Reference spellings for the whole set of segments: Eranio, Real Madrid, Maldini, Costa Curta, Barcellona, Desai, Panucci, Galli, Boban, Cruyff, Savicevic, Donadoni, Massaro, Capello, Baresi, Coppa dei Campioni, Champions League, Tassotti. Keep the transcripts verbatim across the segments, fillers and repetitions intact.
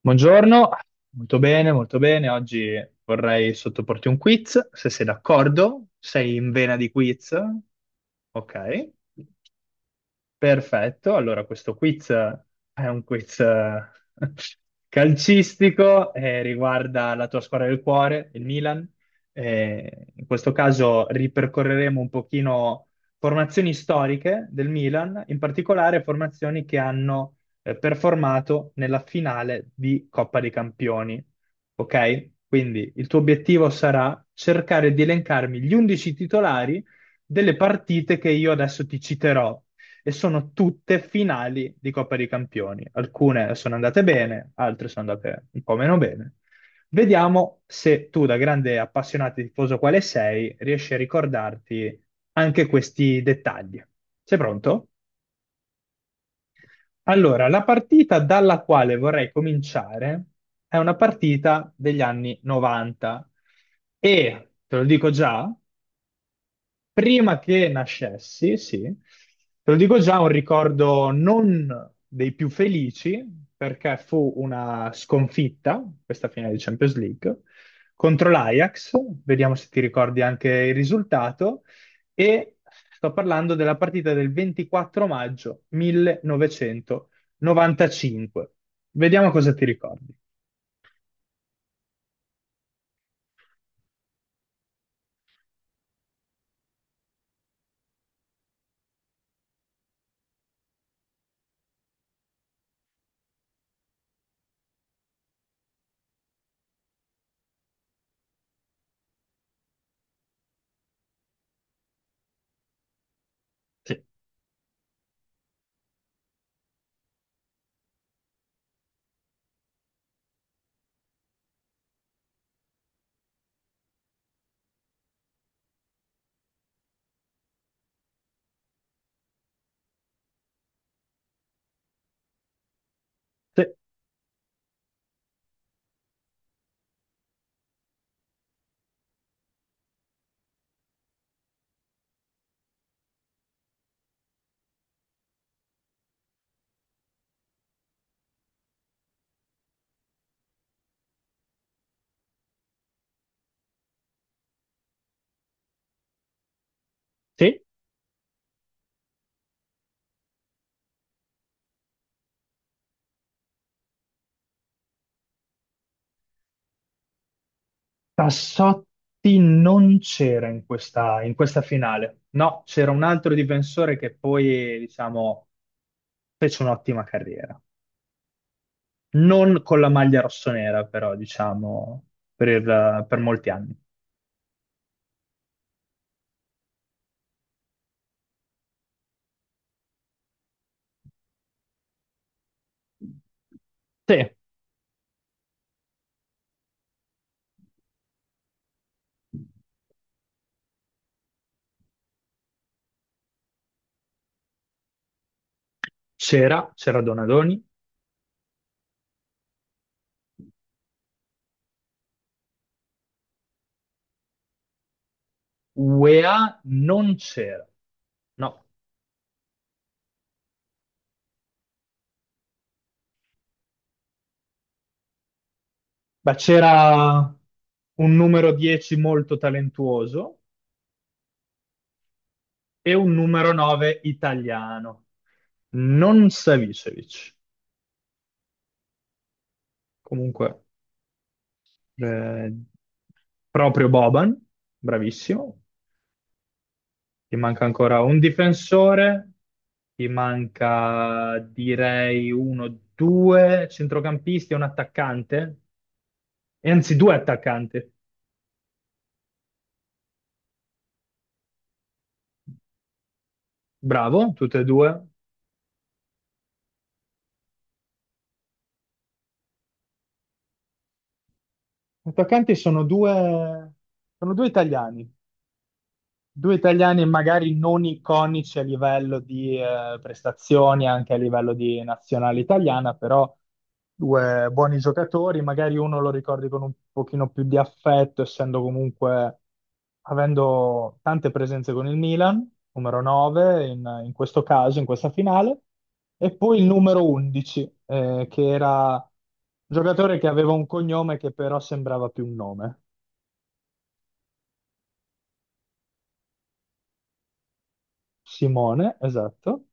Buongiorno, molto bene, molto bene. Oggi vorrei sottoporti un quiz, se sei d'accordo. Sei in vena di quiz? Ok. Perfetto, allora questo quiz è un quiz eh, calcistico e riguarda la tua squadra del cuore, il Milan. Eh, in questo caso ripercorreremo un pochino formazioni storiche del Milan, in particolare formazioni che hanno eh, performato nella finale di Coppa dei Campioni. Ok? Quindi il tuo obiettivo sarà cercare di elencarmi gli undici titolari delle partite che io adesso ti citerò e sono tutte finali di Coppa dei Campioni. Alcune sono andate bene, altre sono andate un po' meno bene. Vediamo se tu, da grande appassionato e tifoso quale sei, riesci a ricordarti anche questi dettagli. Sei pronto? Allora, la partita dalla quale vorrei cominciare è una partita degli anni novanta e, te lo dico già, prima che nascessi, sì, te lo dico già, un ricordo non dei più felici, perché fu una sconfitta, questa finale di Champions League, contro l'Ajax. Vediamo se ti ricordi anche il risultato, e sto parlando della partita del ventiquattro maggio millenovecentonovantacinque. Vediamo cosa ti ricordi. Sì. Sì, Tassotti non c'era in questa, in questa finale, no, c'era un altro difensore che poi, diciamo, fece un'ottima carriera. Non con la maglia rossonera, però, diciamo, per, il- per molti anni. Sì, c'era, c'era Donadoni. UEA non c'era, no, ma c'era un numero dieci molto talentuoso e un numero nove italiano, non Savicevic. Comunque, eh, proprio Boban, bravissimo. Ti manca ancora un difensore, ti manca direi uno, due centrocampisti e un attaccante, e anzi due attaccanti. Bravo, tutte e due. Attaccanti sono due, sono due italiani. Due italiani magari non iconici a livello di eh, prestazioni, anche a livello di nazionale italiana, però due buoni giocatori, magari uno lo ricordi con un pochino più di affetto, essendo comunque, avendo tante presenze con il Milan, numero nove in, in questo caso, in questa finale, e poi il numero undici, eh, che era un giocatore che aveva un cognome che però sembrava più un nome, Simone, esatto.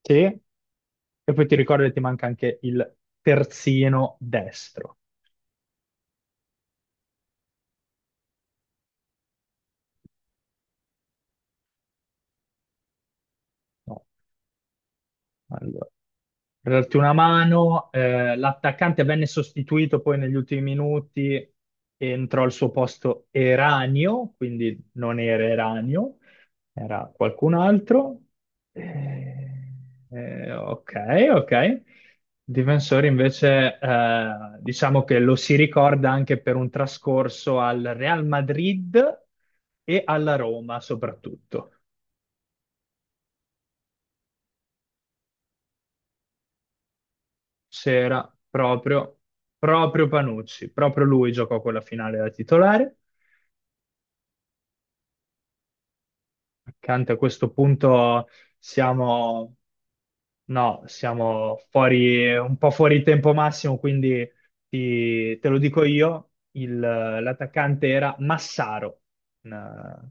Sì. E poi ti ricordo che ti manca anche il terzino destro. No, allora, per darti una mano, eh, l'attaccante venne sostituito poi negli ultimi minuti e entrò al suo posto Eranio, quindi non era Eranio, era qualcun altro. Eh, eh, ok, ok. Il difensore invece, eh, diciamo che lo si ricorda anche per un trascorso al Real Madrid e alla Roma soprattutto. C'era proprio, proprio Panucci, proprio lui giocò quella finale da titolare. Accanto a questo punto siamo, no, siamo fuori, un po' fuori tempo massimo, quindi ti- te lo dico io, il- l'attaccante era Massaro. Una-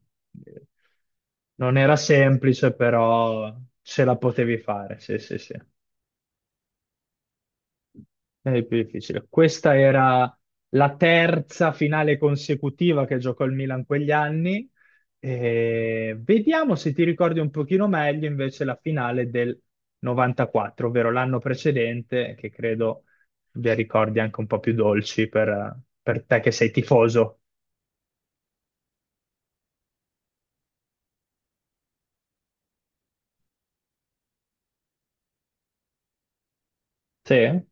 Non era semplice, però ce la potevi fare, sì, sì, sì. È il più difficile. Questa era la terza finale consecutiva che giocò il Milan quegli anni. E vediamo se ti ricordi un pochino meglio invece la finale del novantaquattro, ovvero l'anno precedente, che credo abbia ricordi anche un po' più dolci per, per te che sei tifoso. Sì?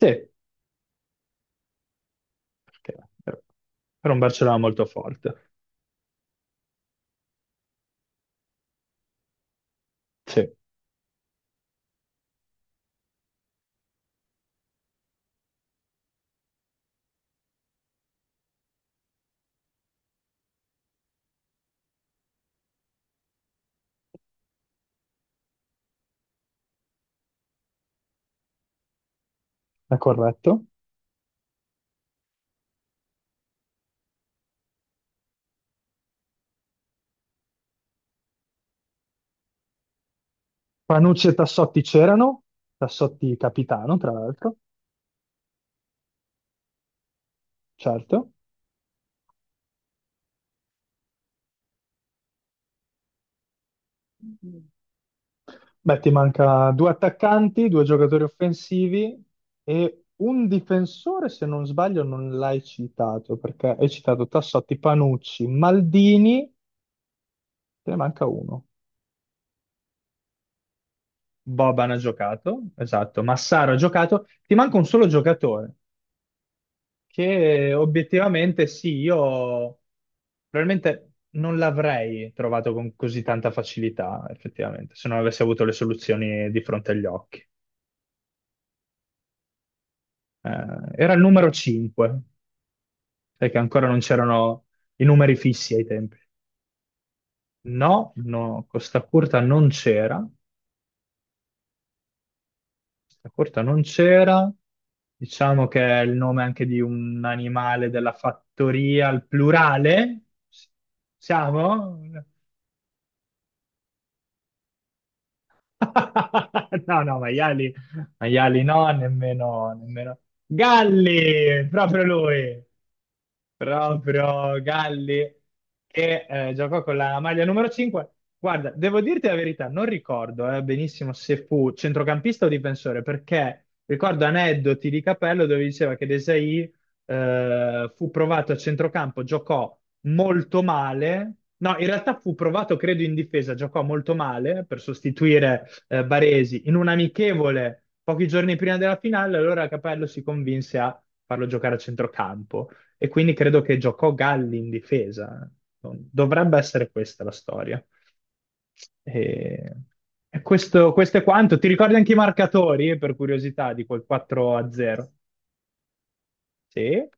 Sì, perché era un Barcellona molto forte. Sì, è corretto. Panucci e Tassotti c'erano, Tassotti capitano, tra l'altro, certo. Beh, ti manca due attaccanti, due giocatori offensivi e un difensore, se non sbaglio, non l'hai citato, perché hai citato Tassotti, Panucci, Maldini, te ne manca uno. Boban ha giocato, esatto, Massaro ha giocato, ti manca un solo giocatore, che obiettivamente sì, io probabilmente non l'avrei trovato con così tanta facilità, effettivamente, se non avessi avuto le soluzioni di fronte agli occhi. Eh, era il numero cinque, perché ancora non c'erano i numeri fissi ai tempi. No, no, Costa Curta non c'era. Costa Curta non c'era. Diciamo che è il nome anche di un animale della fattoria al plurale. Siamo? No, no, maiali, maiali no, nemmeno, nemmeno. Galli, proprio lui. Proprio Galli che eh, giocò con la maglia numero cinque. Guarda, devo dirti la verità, non ricordo eh, benissimo se fu centrocampista o difensore, perché ricordo aneddoti di Capello dove diceva che Desai eh, fu provato a centrocampo, giocò molto male. No, in realtà fu provato, credo, in difesa, giocò molto male per sostituire eh, Baresi in un amichevole pochi giorni prima della finale, allora Capello si convinse a farlo giocare a centrocampo. E quindi credo che giocò Galli in difesa. Dovrebbe essere questa la storia. E, e questo, questo è quanto. Ti ricordi anche i marcatori, per curiosità, di quel quattro a zero? Sì.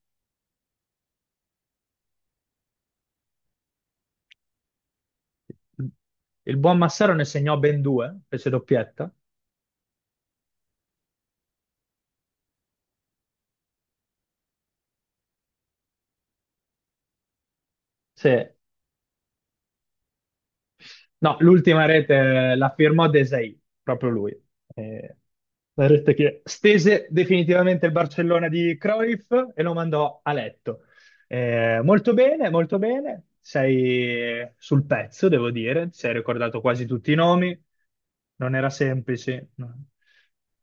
Il buon Massaro ne segnò ben due, fece doppietta. Sì. No, l'ultima rete la firmò Desai, proprio lui. Eh, la rete che stese definitivamente il Barcellona di Cruyff e lo mandò a letto. Eh, molto bene, molto bene. Sei sul pezzo, devo dire. Ti sei ricordato quasi tutti i nomi. Non era semplice. No.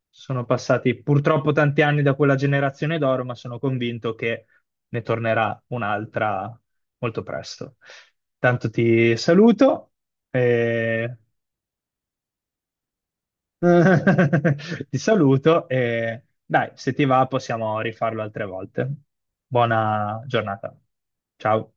Sono passati purtroppo tanti anni da quella generazione d'oro, ma sono convinto che ne tornerà un'altra molto presto. Tanto ti saluto, e... ti saluto e dai, se ti va possiamo rifarlo altre volte. Buona giornata. Ciao.